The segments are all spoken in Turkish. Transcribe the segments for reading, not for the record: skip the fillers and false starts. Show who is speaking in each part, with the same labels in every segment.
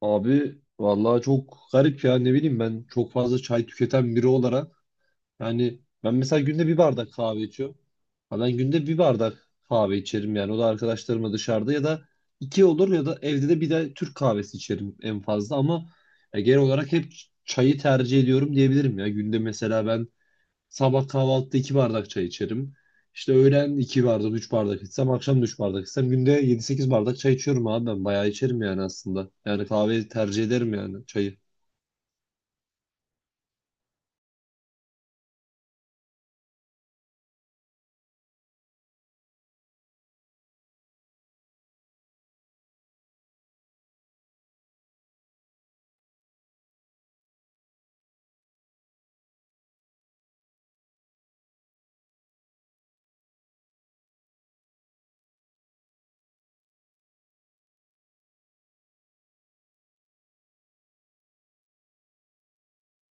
Speaker 1: Abi vallahi çok garip ya, ne bileyim, ben çok fazla çay tüketen biri olarak, yani ben mesela günde bir bardak kahve içiyorum. Ha ben günde bir bardak kahve içerim, yani o da arkadaşlarımla dışarıda ya da iki olur, ya da evde de bir de Türk kahvesi içerim en fazla. Ama ya genel olarak hep çayı tercih ediyorum diyebilirim. Ya günde mesela ben sabah kahvaltıda 2 bardak çay içerim. İşte öğlen 2 bardak, 3 bardak içsem, akşam da 3 bardak içsem günde yedi sekiz bardak çay içiyorum abi ben. Bayağı içerim yani aslında. Yani kahveyi tercih ederim yani çayı.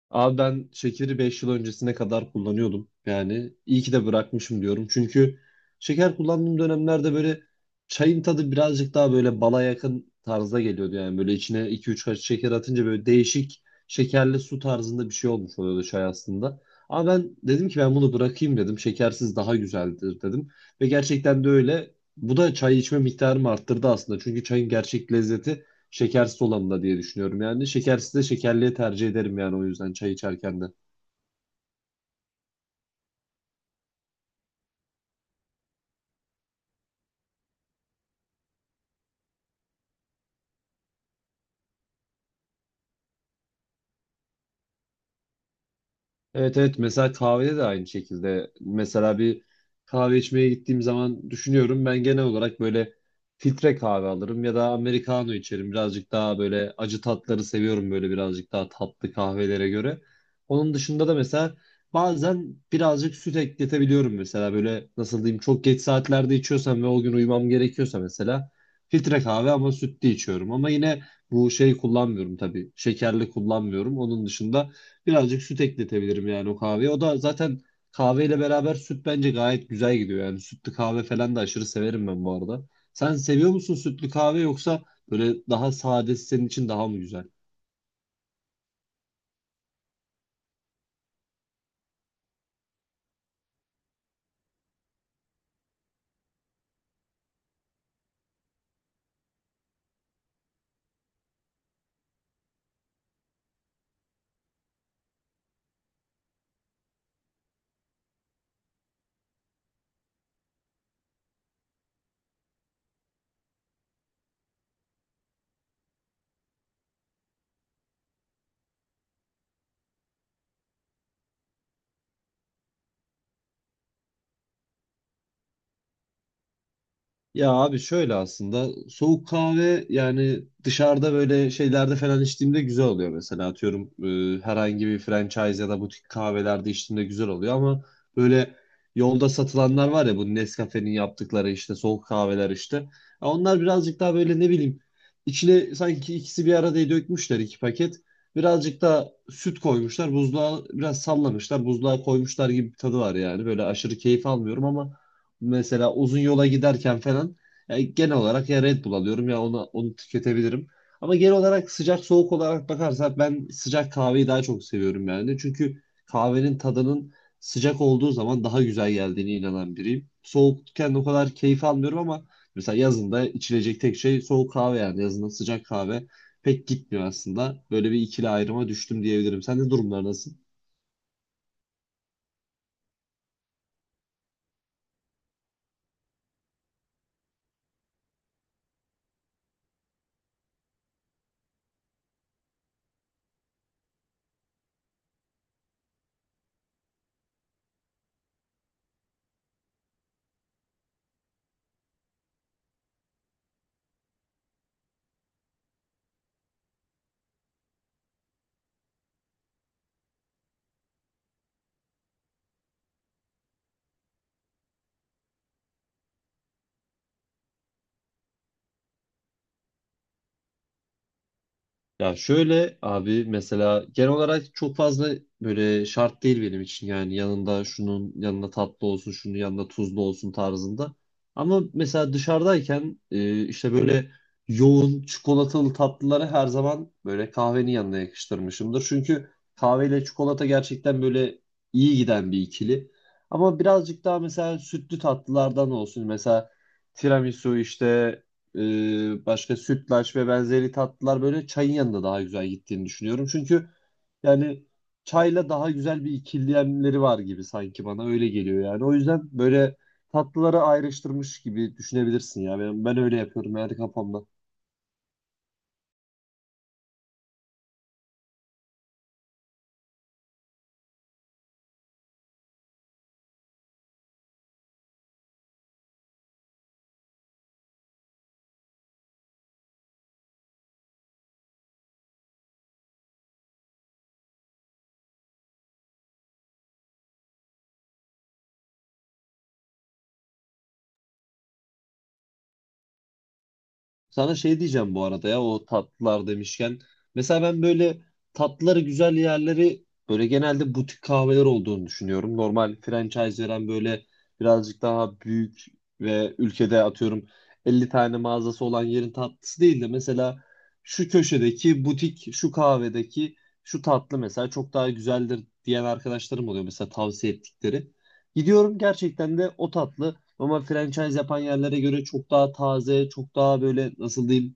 Speaker 1: Abi ben şekeri 5 yıl öncesine kadar kullanıyordum. Yani iyi ki de bırakmışım diyorum. Çünkü şeker kullandığım dönemlerde böyle çayın tadı birazcık daha böyle bala yakın tarzda geliyordu. Yani böyle içine iki üç kaşık şeker atınca böyle değişik şekerli su tarzında bir şey olmuş oluyordu çay aslında. Ama ben dedim ki ben bunu bırakayım dedim. Şekersiz daha güzeldir dedim. Ve gerçekten de öyle. Bu da çay içme miktarımı arttırdı aslında. Çünkü çayın gerçek lezzeti şekersiz olanı da diye düşünüyorum yani. Şekersiz de şekerliye tercih ederim, yani o yüzden çay içerken de. Evet evet, mesela kahvede de aynı şekilde. Mesela bir kahve içmeye gittiğim zaman düşünüyorum, ben genel olarak böyle filtre kahve alırım ya da americano içerim. Birazcık daha böyle acı tatları seviyorum, böyle birazcık daha tatlı kahvelere göre. Onun dışında da mesela bazen birazcık süt ekletebiliyorum, mesela böyle nasıl diyeyim, çok geç saatlerde içiyorsam ve o gün uyumam gerekiyorsa mesela filtre kahve ama sütlü içiyorum. Ama yine bu şey kullanmıyorum, tabii şekerli kullanmıyorum. Onun dışında birazcık süt ekletebilirim yani o kahveye. O da zaten kahveyle beraber süt bence gayet güzel gidiyor yani. Sütlü kahve falan da aşırı severim ben bu arada. Sen seviyor musun sütlü kahve, yoksa böyle daha sadesi senin için daha mı güzel? Ya abi şöyle, aslında soğuk kahve yani dışarıda böyle şeylerde falan içtiğimde güzel oluyor, mesela atıyorum herhangi bir franchise ya da butik kahvelerde içtiğimde güzel oluyor. Ama böyle yolda satılanlar var ya, bu Nescafe'nin yaptıkları işte soğuk kahveler işte, ya onlar birazcık daha böyle, ne bileyim, içine sanki ikisi bir arada dökmüşler, iki paket, birazcık da süt koymuşlar, buzluğa biraz sallamışlar, buzluğa koymuşlar gibi bir tadı var yani. Böyle aşırı keyif almıyorum ama. Mesela uzun yola giderken falan, ya genel olarak ya Red Bull alıyorum ya onu tüketebilirim. Ama genel olarak sıcak soğuk olarak bakarsak ben sıcak kahveyi daha çok seviyorum yani. Çünkü kahvenin tadının sıcak olduğu zaman daha güzel geldiğine inanan biriyim. Soğukken o kadar keyif almıyorum, ama mesela yazında içilecek tek şey soğuk kahve yani. Yazında sıcak kahve pek gitmiyor aslında. Böyle bir ikili ayrıma düştüm diyebilirim. Senin de durumlar nasıl? Ya şöyle abi, mesela genel olarak çok fazla böyle şart değil benim için, yani yanında şunun yanında tatlı olsun, şunun yanında tuzlu olsun tarzında. Ama mesela dışarıdayken işte böyle yoğun çikolatalı tatlıları her zaman böyle kahvenin yanına yakıştırmışımdır. Çünkü kahveyle çikolata gerçekten böyle iyi giden bir ikili. Ama birazcık daha mesela sütlü tatlılardan olsun, mesela tiramisu işte, başka sütlaç ve benzeri tatlılar böyle çayın yanında daha güzel gittiğini düşünüyorum. Çünkü yani çayla daha güzel bir ikiliyenleri var gibi, sanki bana öyle geliyor yani. O yüzden böyle tatlıları ayrıştırmış gibi düşünebilirsin ya. Ben öyle yapıyorum yani kafamda. Sana şey diyeceğim bu arada ya, o tatlılar demişken. Mesela ben böyle tatlıları güzel yerleri böyle genelde butik kahveler olduğunu düşünüyorum. Normal franchise veren böyle birazcık daha büyük ve ülkede atıyorum 50 tane mağazası olan yerin tatlısı değil de, mesela şu köşedeki butik, şu kahvedeki şu tatlı mesela çok daha güzeldir diyen arkadaşlarım oluyor mesela, tavsiye ettikleri. Gidiyorum, gerçekten de o tatlı ama franchise yapan yerlere göre çok daha taze, çok daha böyle nasıl diyeyim,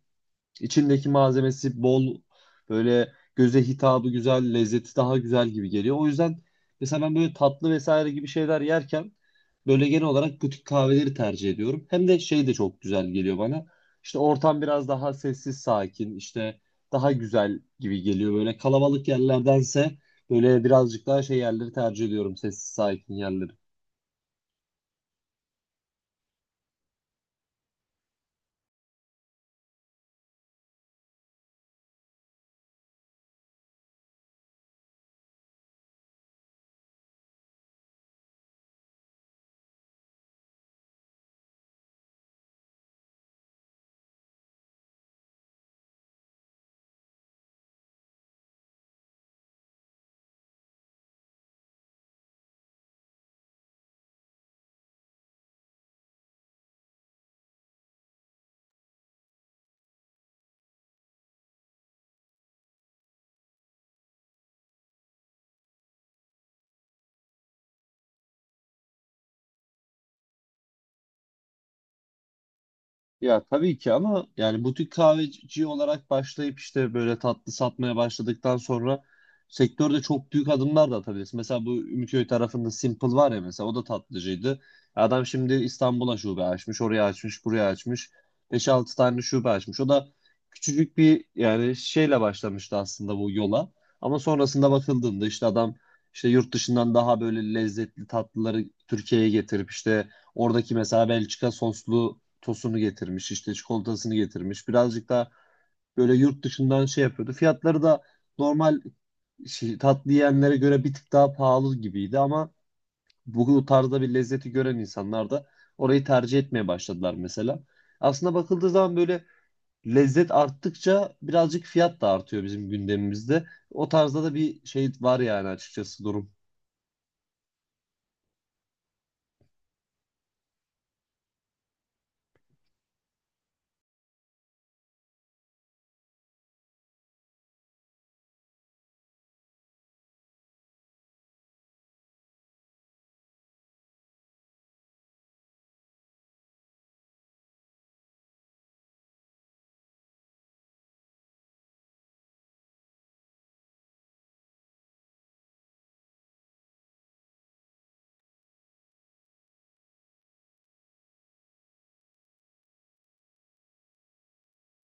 Speaker 1: içindeki malzemesi bol, böyle göze hitabı güzel, lezzeti daha güzel gibi geliyor. O yüzden mesela ben böyle tatlı vesaire gibi şeyler yerken böyle genel olarak butik kahveleri tercih ediyorum. Hem de şey de çok güzel geliyor bana. İşte ortam biraz daha sessiz, sakin, işte daha güzel gibi geliyor. Böyle kalabalık yerlerdense böyle birazcık daha şey yerleri tercih ediyorum, sessiz, sakin yerleri. Ya tabii ki, ama yani butik kahveci olarak başlayıp işte böyle tatlı satmaya başladıktan sonra sektörde çok büyük adımlar da atabilirsin. Mesela bu Ümitköy tarafında Simple var ya, mesela o da tatlıcıydı. Adam şimdi İstanbul'a şube açmış, oraya açmış, buraya açmış. Beş altı tane şube açmış. O da küçücük bir yani şeyle başlamıştı aslında bu yola. Ama sonrasında bakıldığında, işte adam işte yurt dışından daha böyle lezzetli tatlıları Türkiye'ye getirip işte oradaki mesela Belçika soslu tosunu getirmiş, işte çikolatasını getirmiş. Birazcık daha böyle yurt dışından şey yapıyordu. Fiyatları da normal şey, tatlı yiyenlere göre bir tık daha pahalı gibiydi, ama bu tarzda bir lezzeti gören insanlar da orayı tercih etmeye başladılar mesela. Aslında bakıldığı zaman böyle lezzet arttıkça birazcık fiyat da artıyor bizim gündemimizde. O tarzda da bir şey var yani, açıkçası durum.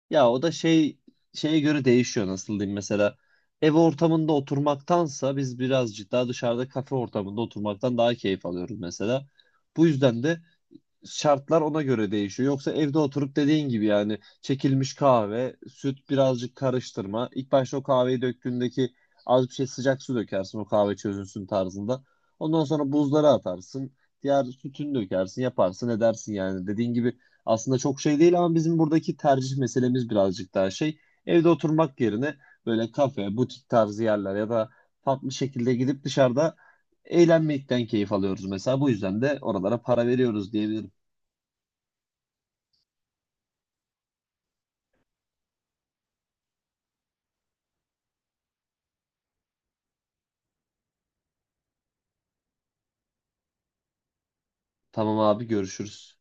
Speaker 1: Ya o da şey, şeye göre değişiyor, nasıl diyeyim, mesela ev ortamında oturmaktansa biz birazcık daha dışarıda kafe ortamında oturmaktan daha keyif alıyoruz mesela. Bu yüzden de şartlar ona göre değişiyor. Yoksa evde oturup dediğin gibi, yani çekilmiş kahve, süt, birazcık karıştırma. İlk başta o kahveyi döktüğündeki az bir şey sıcak su dökersin, o kahve çözünsün tarzında. Ondan sonra buzlara atarsın. Diğer sütünü dökersin, yaparsın, edersin yani. Dediğin gibi aslında çok şey değil, ama bizim buradaki tercih meselemiz birazcık daha şey. Evde oturmak yerine böyle kafe, butik tarzı yerler ya da farklı şekilde gidip dışarıda eğlenmekten keyif alıyoruz mesela. Bu yüzden de oralara para veriyoruz diyebilirim. Tamam abi, görüşürüz.